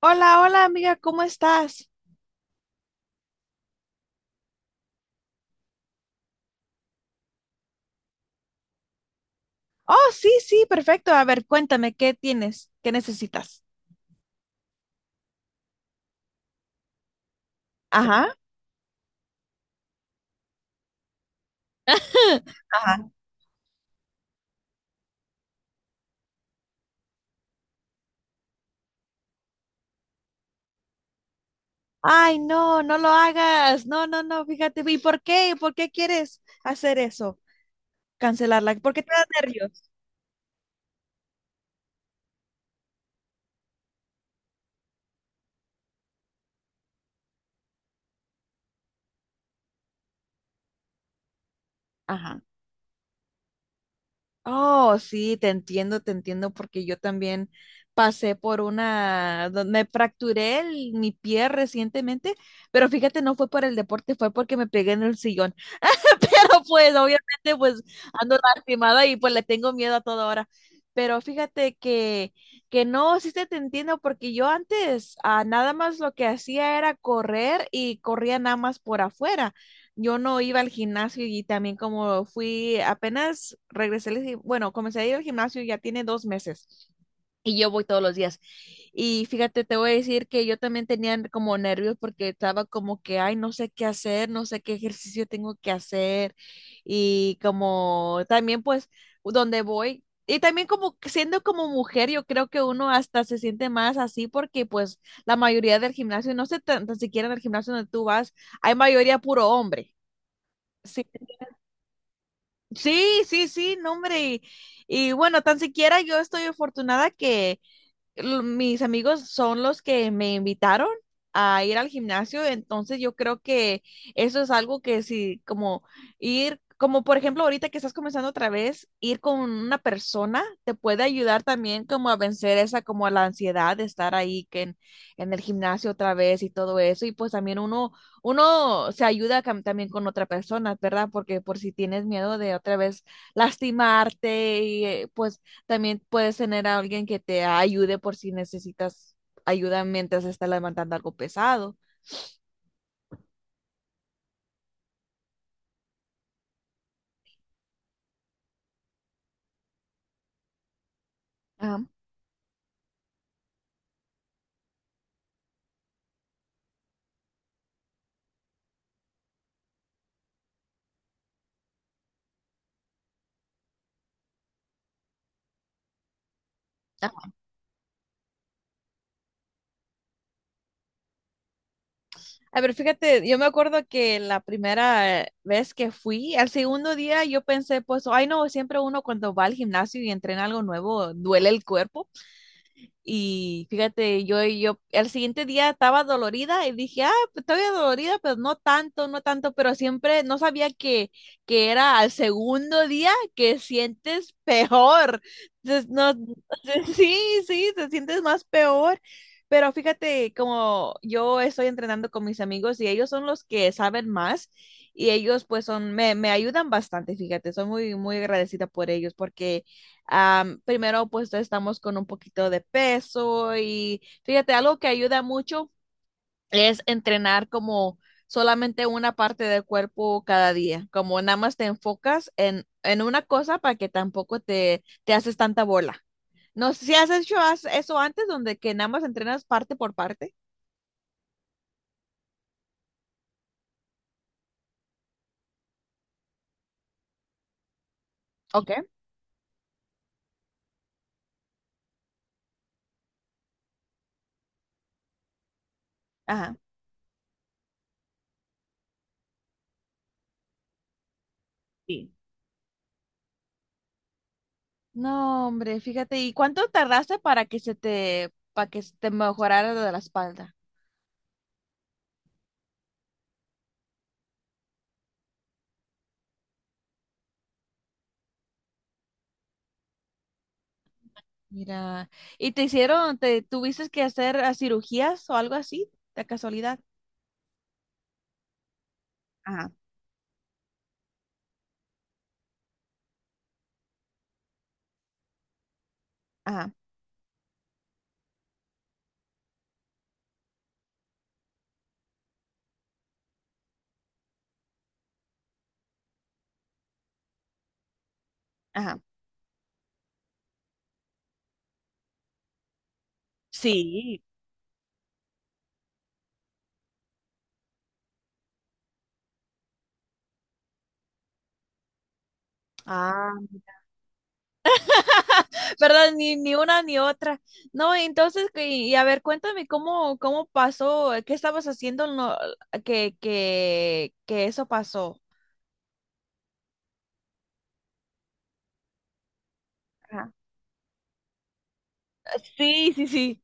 Hola, hola amiga, ¿cómo estás? Oh, sí, sí, perfecto. A ver, cuéntame, ¿qué tienes? ¿Qué necesitas? Ajá. Ay, no, no lo hagas. No, no, no, fíjate. ¿Y por qué? ¿Por qué quieres hacer eso? Cancelarla. ¿Por qué te da nervios? Ajá. Oh, sí, te entiendo, porque yo también pasé por una, me fracturé mi pie recientemente, pero fíjate, no fue por el deporte, fue porque me pegué en el sillón. Pero pues, obviamente, pues ando lastimada y pues le tengo miedo a toda hora. Pero fíjate que no, sí te entiendo, porque yo antes nada más lo que hacía era correr y corría nada más por afuera, yo no iba al gimnasio y también como fui apenas regresé, bueno, comencé a ir al gimnasio ya tiene dos meses y yo voy todos los días. Y fíjate, te voy a decir que yo también tenía como nervios porque estaba como que, ay, no sé qué hacer, no sé qué ejercicio tengo que hacer y como también pues donde voy. Y también como que siendo como mujer, yo creo que uno hasta se siente más así porque pues la mayoría del gimnasio, no sé tan, tan siquiera en el gimnasio donde tú vas, hay mayoría puro hombre. Sí, sí, sí, sí, no, hombre. Y bueno, tan siquiera yo estoy afortunada que mis amigos son los que me invitaron a ir al gimnasio, entonces yo creo que eso es algo que sí, como ir, como por ejemplo ahorita que estás comenzando otra vez, ir con una persona te puede ayudar también como a vencer esa, como la ansiedad de estar ahí en el gimnasio otra vez y todo eso, y pues también uno se ayuda también con otra persona, ¿verdad? Porque por si tienes miedo de otra vez lastimarte y pues también puedes tener a alguien que te ayude por si necesitas ayuda mientras estás levantando algo pesado. Ajá. Ajá. A ver, fíjate, yo me acuerdo que la primera vez que fui, al segundo día yo pensé, pues, ay no, siempre uno cuando va al gimnasio y entrena algo nuevo, duele el cuerpo. Y fíjate, yo el siguiente día estaba dolorida y dije, ah, pues, todavía dolorida, pero no tanto, no tanto, pero siempre no sabía que era al segundo día que sientes peor. Entonces, no, sí, sí, te sientes más peor. Pero fíjate, como yo estoy entrenando con mis amigos y ellos son los que saben más y ellos pues son, me ayudan bastante, fíjate, soy muy, muy agradecida por ellos porque primero, pues estamos con un poquito de peso y fíjate, algo que ayuda mucho es entrenar como solamente una parte del cuerpo cada día, como nada más te enfocas en una cosa para que tampoco te haces tanta bola. No sé si has hecho eso antes, donde que nada más entrenas parte por parte. Ok. Ajá. Sí. No, hombre, fíjate, ¿y cuánto tardaste para que se te, para que se te mejorara de la espalda? Mira, ¿y te hicieron, te tuviste que hacer cirugías o algo así, de casualidad? Ajá, ajá, ajá. Sí. Ah. ¿Verdad? Ni, ni una ni otra. No, entonces, y a ver, cuéntame cómo, cómo pasó, qué estabas haciendo no, que eso pasó. Ajá, Sí, sí, sí.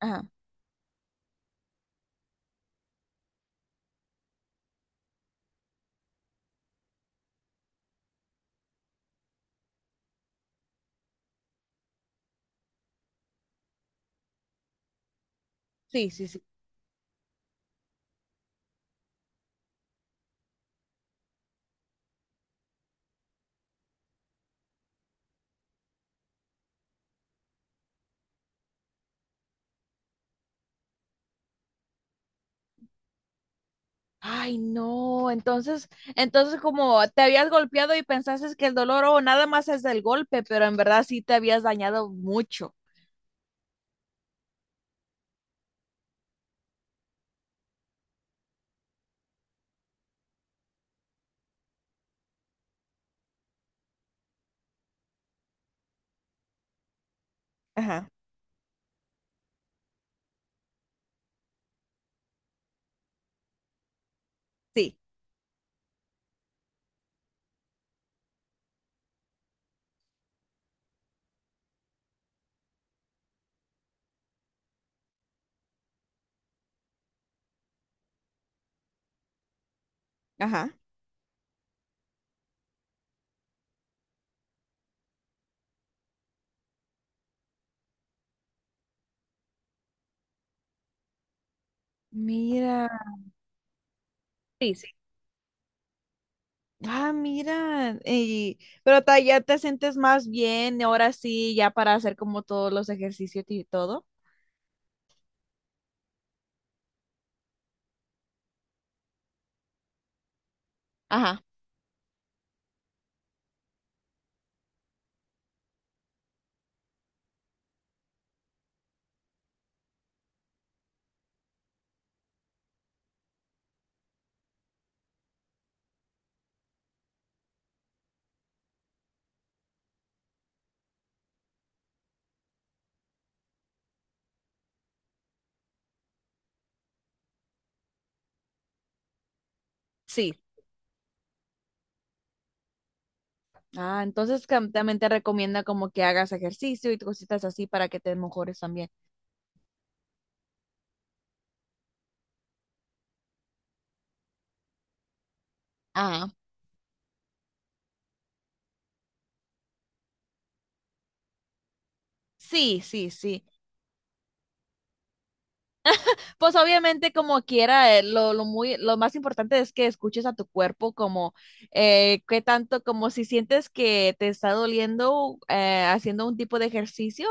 ajá. Sí, sí, sí. Ay, no, entonces, entonces como te habías golpeado y pensaste que el dolor o nada más es del golpe, pero en verdad sí te habías dañado mucho. Ajá, sí, ajá. Mira, sí, sí. Ah, mira, pero ya te sientes más bien, ahora sí, ya para hacer como todos los ejercicios y todo. Ajá, sí. Ah, entonces también te recomienda como que hagas ejercicio y cositas así para que te mejores también. Ah, Sí, sí, sí. pues obviamente como quiera, lo más importante es que escuches a tu cuerpo como qué tanto, como si sientes que te está doliendo haciendo un tipo de ejercicio,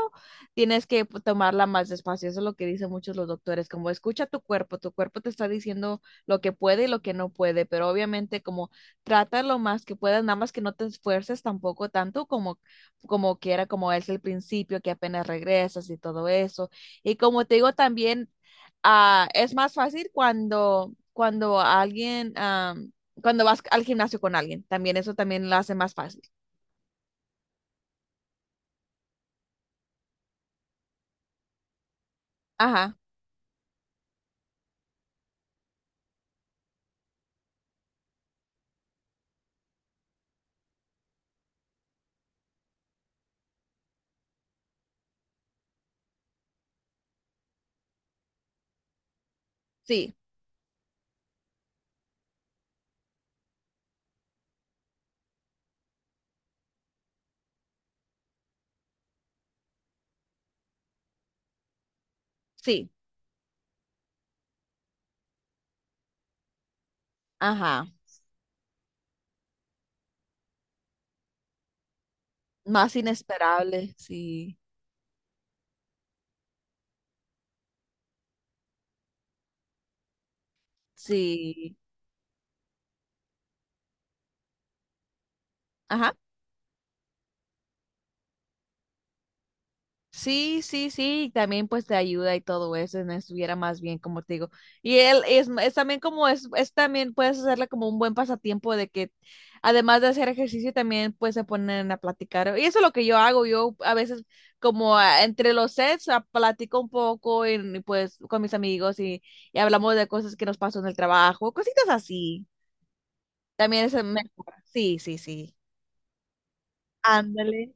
tienes que tomarla más despacio. Eso es lo que dicen muchos los doctores, como escucha tu cuerpo te está diciendo lo que puede y lo que no puede, pero obviamente como trata lo más que puedas, nada más que no te esfuerces tampoco tanto como, como quiera, como es el principio, que apenas regresas y todo eso. Y como te digo también, ah, es más fácil cuando, cuando alguien, cuando vas al gimnasio con alguien, también eso también lo hace más fácil. Ajá, sí, sí, ajá, más inesperable, sí, sí, ajá. Sí, sí, sí, y también pues te ayuda y todo eso, no estuviera más bien, como te digo. Y él es también como es también puedes hacerle como un buen pasatiempo de que además de hacer ejercicio también pues se ponen a platicar. Y eso es lo que yo hago, yo a veces como entre los sets platico un poco y, pues con mis amigos y hablamos de cosas que nos pasó en el trabajo, cositas así. También es mejor. Sí, sí, sí. Ándale.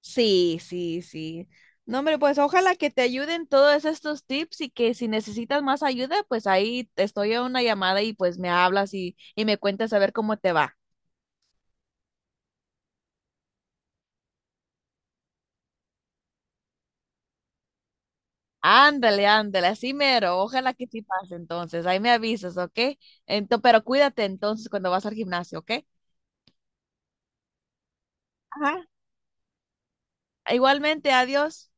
Sí, sí, sí. No, hombre, pues ojalá que te ayuden todos estos tips y que si necesitas más ayuda, pues ahí te estoy a una llamada y pues me hablas y me cuentas a ver cómo te va. Ándale, ándale, así mero. Ojalá que sí pase entonces. Ahí me avisas, ¿ok? Pero cuídate entonces cuando vas al gimnasio, ¿ok? Ajá. Igualmente, adiós.